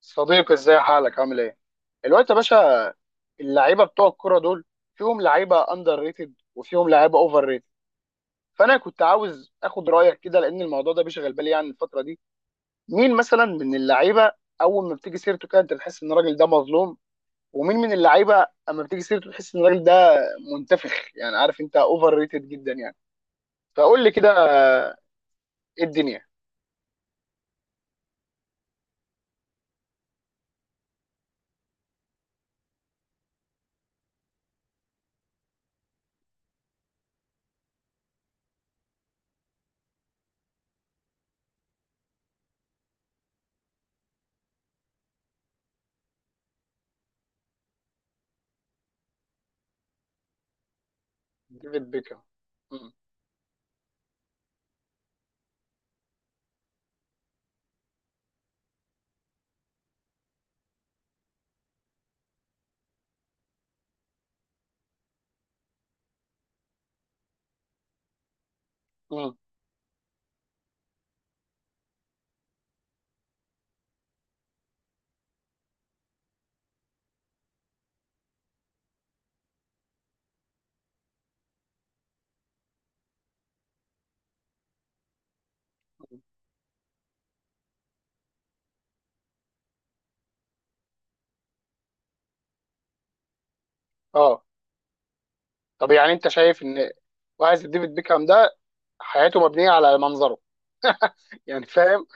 صديقي ازاي حالك عامل ايه؟ الوقت يا باشا. اللعيبه بتوع الكوره دول فيهم لعيبه اندر ريتد وفيهم لعيبه اوفر ريتد، فانا كنت عاوز اخد رايك كده لان الموضوع ده بيشغل بالي يعني الفتره دي. مين مثلا من اللعيبه اول ما بتيجي سيرته كده انت بتحس ان الراجل ده مظلوم، ومين من اللعيبه اما بتيجي سيرته تحس ان الراجل ده منتفخ يعني، عارف انت، اوفر ريتد جدا يعني. فقول لي كده. ايه الدنيا؟ ديفيد بيكهام. مم. مم. اه طب يعني انت شايف ان واحد زي ديفيد بيكهام ده حياته مبنيه على منظره؟ يعني فاهم.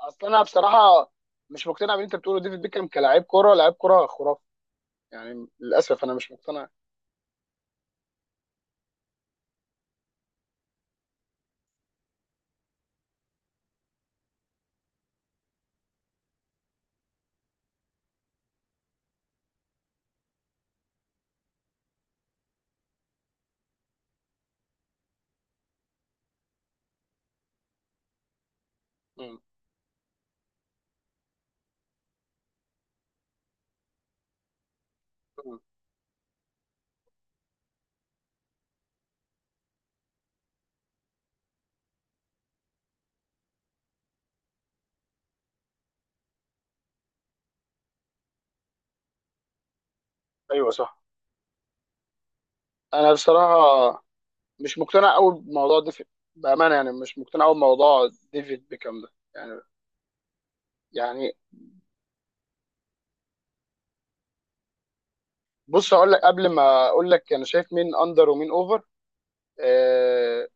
اصل انا بصراحه مش مقتنع باللي انت بتقوله. ديفيد بيكهام كلاعب كوره لاعب كوره خرافي، يعني للاسف انا مش مقتنع. مم. مم. ايوه صح. انا بصراحه مش مقتنع قوي بموضوع ديفيد، بامانه يعني مش مقتنع قوي بموضوع ديفيد بيكهام ده يعني يعني. بص اقول لك، قبل ما اقول لك انا شايف مين اندر ومين اوفر، آه،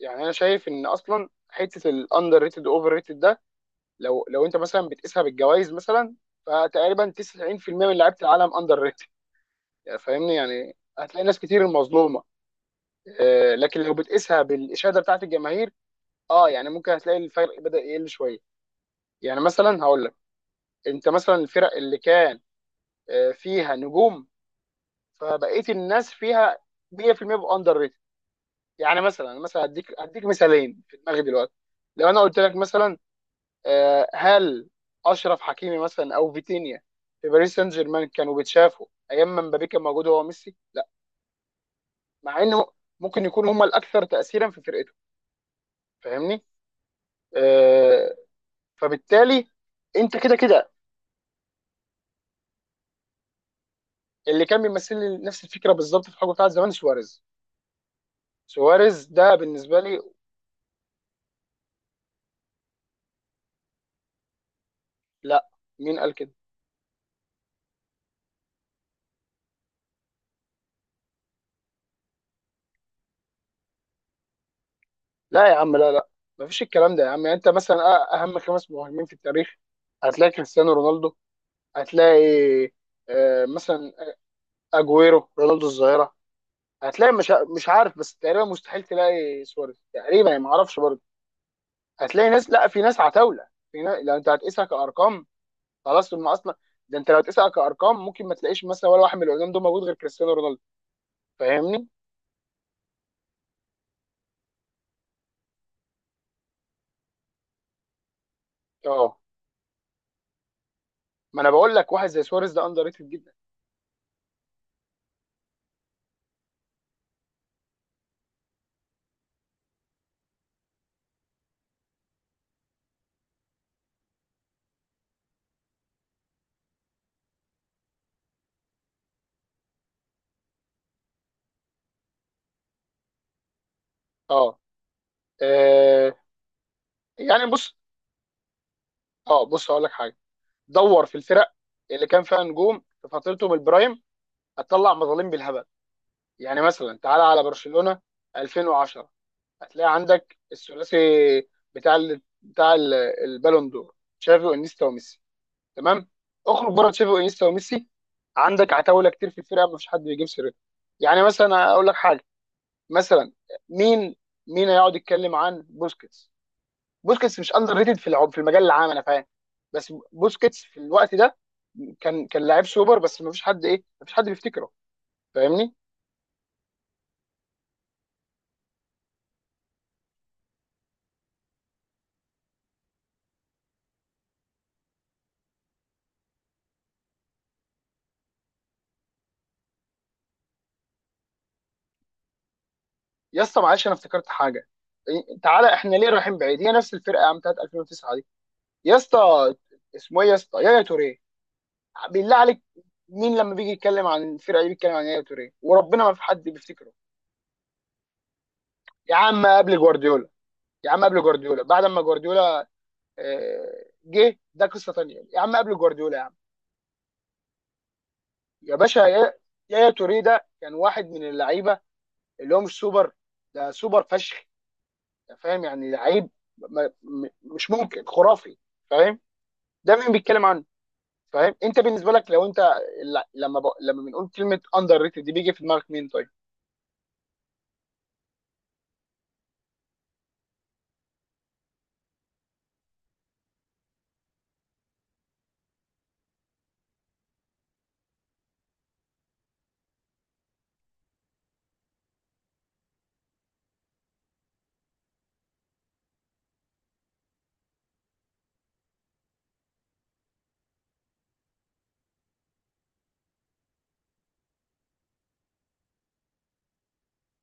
يعني انا شايف ان اصلا حته الاندر ريتد اوفر ريتد ده لو انت مثلا بتقيسها بالجوائز مثلا، فتقريبا 90% من لعيبه العالم اندر ريتد. يعني فاهمني، يعني هتلاقي ناس كتير المظلومه. لكن لو بتقيسها بالاشاده بتاعت الجماهير، اه يعني ممكن هتلاقي الفرق بدا يقل شويه. يعني مثلا هقول لك، انت مثلا الفرق اللي كان فيها نجوم فبقيه الناس فيها 100% بيبقوا اندر ريتد. يعني مثلا مثلا هديك مثالين في دماغي دلوقتي. لو انا قلت لك مثلا، هل اشرف حكيمي مثلا او فيتينيا في باريس سان جيرمان كانوا بيتشافوا ايام ما مبابي كان موجود هو ميسي؟ لا. مع انه ممكن يكونوا هم الاكثر تاثيرا في فرقته. فاهمني. آه، فبالتالي انت كده كده. اللي كان بيمثل لي نفس الفكره بالظبط في الحقبه بتاعت زمان سواريز. سواريز ده بالنسبه لي. لا، مين قال كده؟ لا يا عم، لا لا، مفيش الكلام ده يا عم. يعني انت مثلا اهم خمس مهاجمين في التاريخ هتلاقي كريستيانو رونالدو، هتلاقي مثلا اجويرو، رونالدو الظاهره، هتلاقي مش عارف، بس تقريبا مستحيل تلاقي سواريز تقريبا يعني، ما اعرفش برضه. هتلاقي ناس، لا في ناس عتاوله، في ناس. لو انت هتقيسها كارقام خلاص ما اصلا، ده انت لو هتقيسها كارقام ممكن ما تلاقيش مثلا ولا واحد من القدام دول موجود غير كريستيانو رونالدو. فاهمني؟ اه، ما انا بقول لك واحد زي سواريز ده اندر ريتد جدا. اه. آه، يعني بص، اه بص هقول لك حاجه. دور في الفرق اللي كان فيها نجوم في فترتهم البرايم هتطلع مظالم بالهبل. يعني مثلا تعالى على برشلونه 2010 هتلاقي عندك الثلاثي بتاع ال... بتاع ال- البالون دور تشافي وانيستا وميسي، تمام؟ اخرج بره تشافي وانيستا وميسي عندك عتاوله كتير في الفرقه ما فيش حد بيجيب سيرتها. يعني مثلا اقول لك حاجه، مثلا، مين مين هيقعد يتكلم عن بوسكيتس؟ بوسكيتس مش اندر ريتد في في المجال العام انا فاهم، بس بوسكيتس في الوقت ده كان لعيب سوبر بس ما فيش حد ايه، ما فيش حد بيفتكره. فاهمني. يا اسطى معلش انا افتكرت حاجه. تعالى احنا ليه رايحين بعيد، هي نفس الفرقه يا عم بتاعت 2009 يا اسطى. اسمه ايه يا اسطى؟ يايا توريه، بالله عليك. مين لما بيجي يتكلم عن الفرقه دي بيتكلم عن يايا توريه؟ وربنا ما في حد بيفتكره. يا عم قبل جوارديولا، يا عم قبل جوارديولا بعد ما جوارديولا جه ده قصه تانيه، يا عم قبل جوارديولا يا عم. يا باشا يايا توريه ده كان واحد من اللعيبه اللي هو مش سوبر، ده سوبر فشخ. أنت فاهم؟ يعني لعيب ما- م- مش ممكن، خرافي. فاهم؟ ده مين بيتكلم عنه؟ فاهم؟ انت بالنسبه لك لو انت لما بنقول كلمه اندر ريتد دي بيجي في دماغك مين طيب؟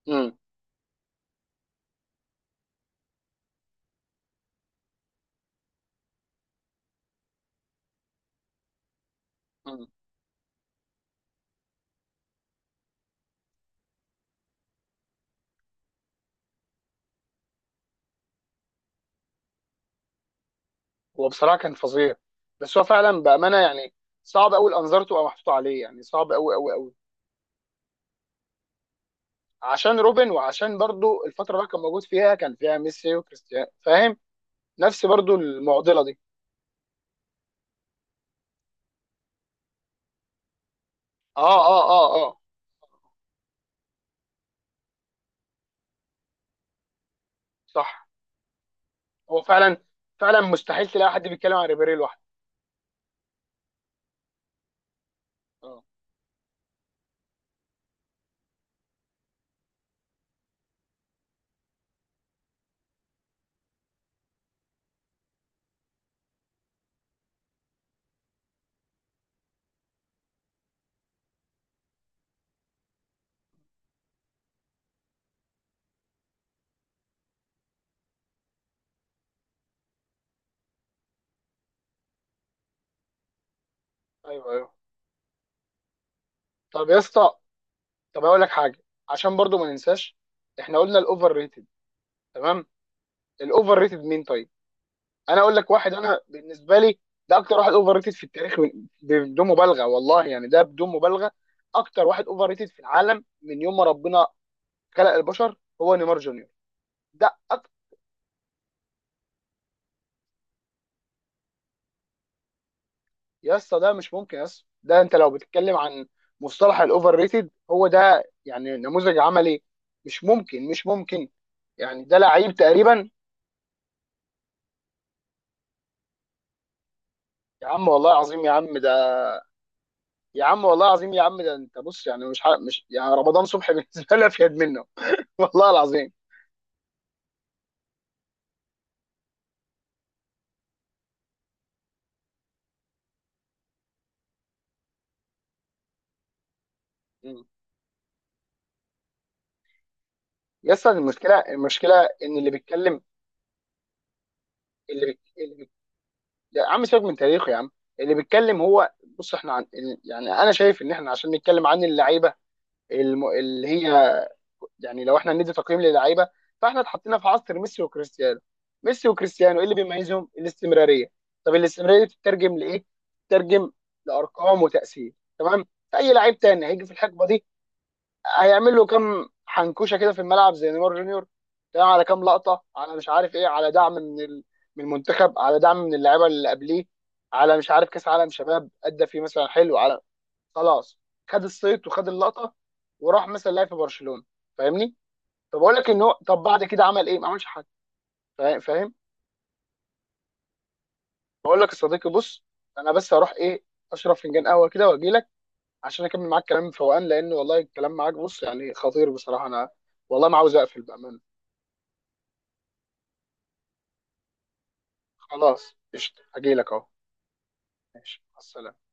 امم. امم. هو بصراحه كان فظيع، بس هو فعلا بامانه يعني صعب قوي الانظار تبقى محطوطه عليه يعني، صعب قوي قوي قوي. عشان روبن، وعشان برضو الفتره اللي كان موجود فيها كان فيها ميسي وكريستيانو، فاهم؟ نفس برضو المعضله دي. اه اه اه اه. صح. هو فعلا فعلا مستحيل تلاقي حد بيتكلم عن ريبيري لوحده. اه. ايوه ايوه. طب يا اسطى، طب اقول لك حاجه، عشان برضو ما ننساش، احنا قلنا الاوفر ريتد، تمام؟ الاوفر ريتد مين طيب؟ انا اقول لك واحد انا بالنسبه لي ده اكتر واحد اوفر ريتد في التاريخ بدون مبالغه والله يعني، ده بدون مبالغه اكتر واحد اوفر ريتد في العالم من يوم ما ربنا خلق البشر هو نيمار جونيور. ده أك... يا اسطى ده مش ممكن، يا اسطى ده انت لو بتتكلم عن مصطلح الاوفر ريتد هو ده يعني، نموذج عملي. مش ممكن، مش ممكن. يعني ده لعيب تقريبا، يا عم والله العظيم يا عم ده، يا عم والله العظيم يا عم ده. انت بص يعني مش يعني رمضان صبحي بالنسبه لي افيد منه. والله العظيم. مم. يا اسطى المشكله، المشكله ان اللي بيتكلم، اللي بيك... اللي بيك... يا عم سيبك من تاريخه يا عم، اللي بيتكلم هو. بص احنا يعني انا شايف ان احنا عشان نتكلم عن اللعيبه اللي هي، يعني لو احنا ندي تقييم للعيبه فاحنا اتحطينا في عصر ميسي وكريستيانو. ميسي وكريستيانو ايه اللي بيميزهم؟ الاستمراريه. طب الاستمراريه دي بتترجم لايه؟ بتترجم لارقام وتاثير، تمام؟ اي لعيب تاني هيجي في الحقبه دي هيعمل له كام حنكوشه كده في الملعب زي نيمار جونيور، تمام؟ على كام لقطه، على مش عارف ايه، على دعم من من المنتخب، على دعم من اللعيبه اللي قبليه، على مش عارف كاس عالم شباب ادى فيه مثلا حلو، على خلاص خد الصيت وخد اللقطه وراح مثلا لعب في برشلونه. فاهمني؟ فبقول لك ان هو طب بعد كده عمل ايه؟ ما عملش حاجه. فاهم؟ بقول لك يا صديقي، بص انا بس هروح ايه اشرب فنجان قهوه كده واجي لك عشان اكمل معاك كلام فوقان، لان والله الكلام معاك بص يعني خطير بصراحه، انا والله ما عاوز اقفل بامانه. خلاص قشطة هجيلك اهو. ماشي مع السلامة.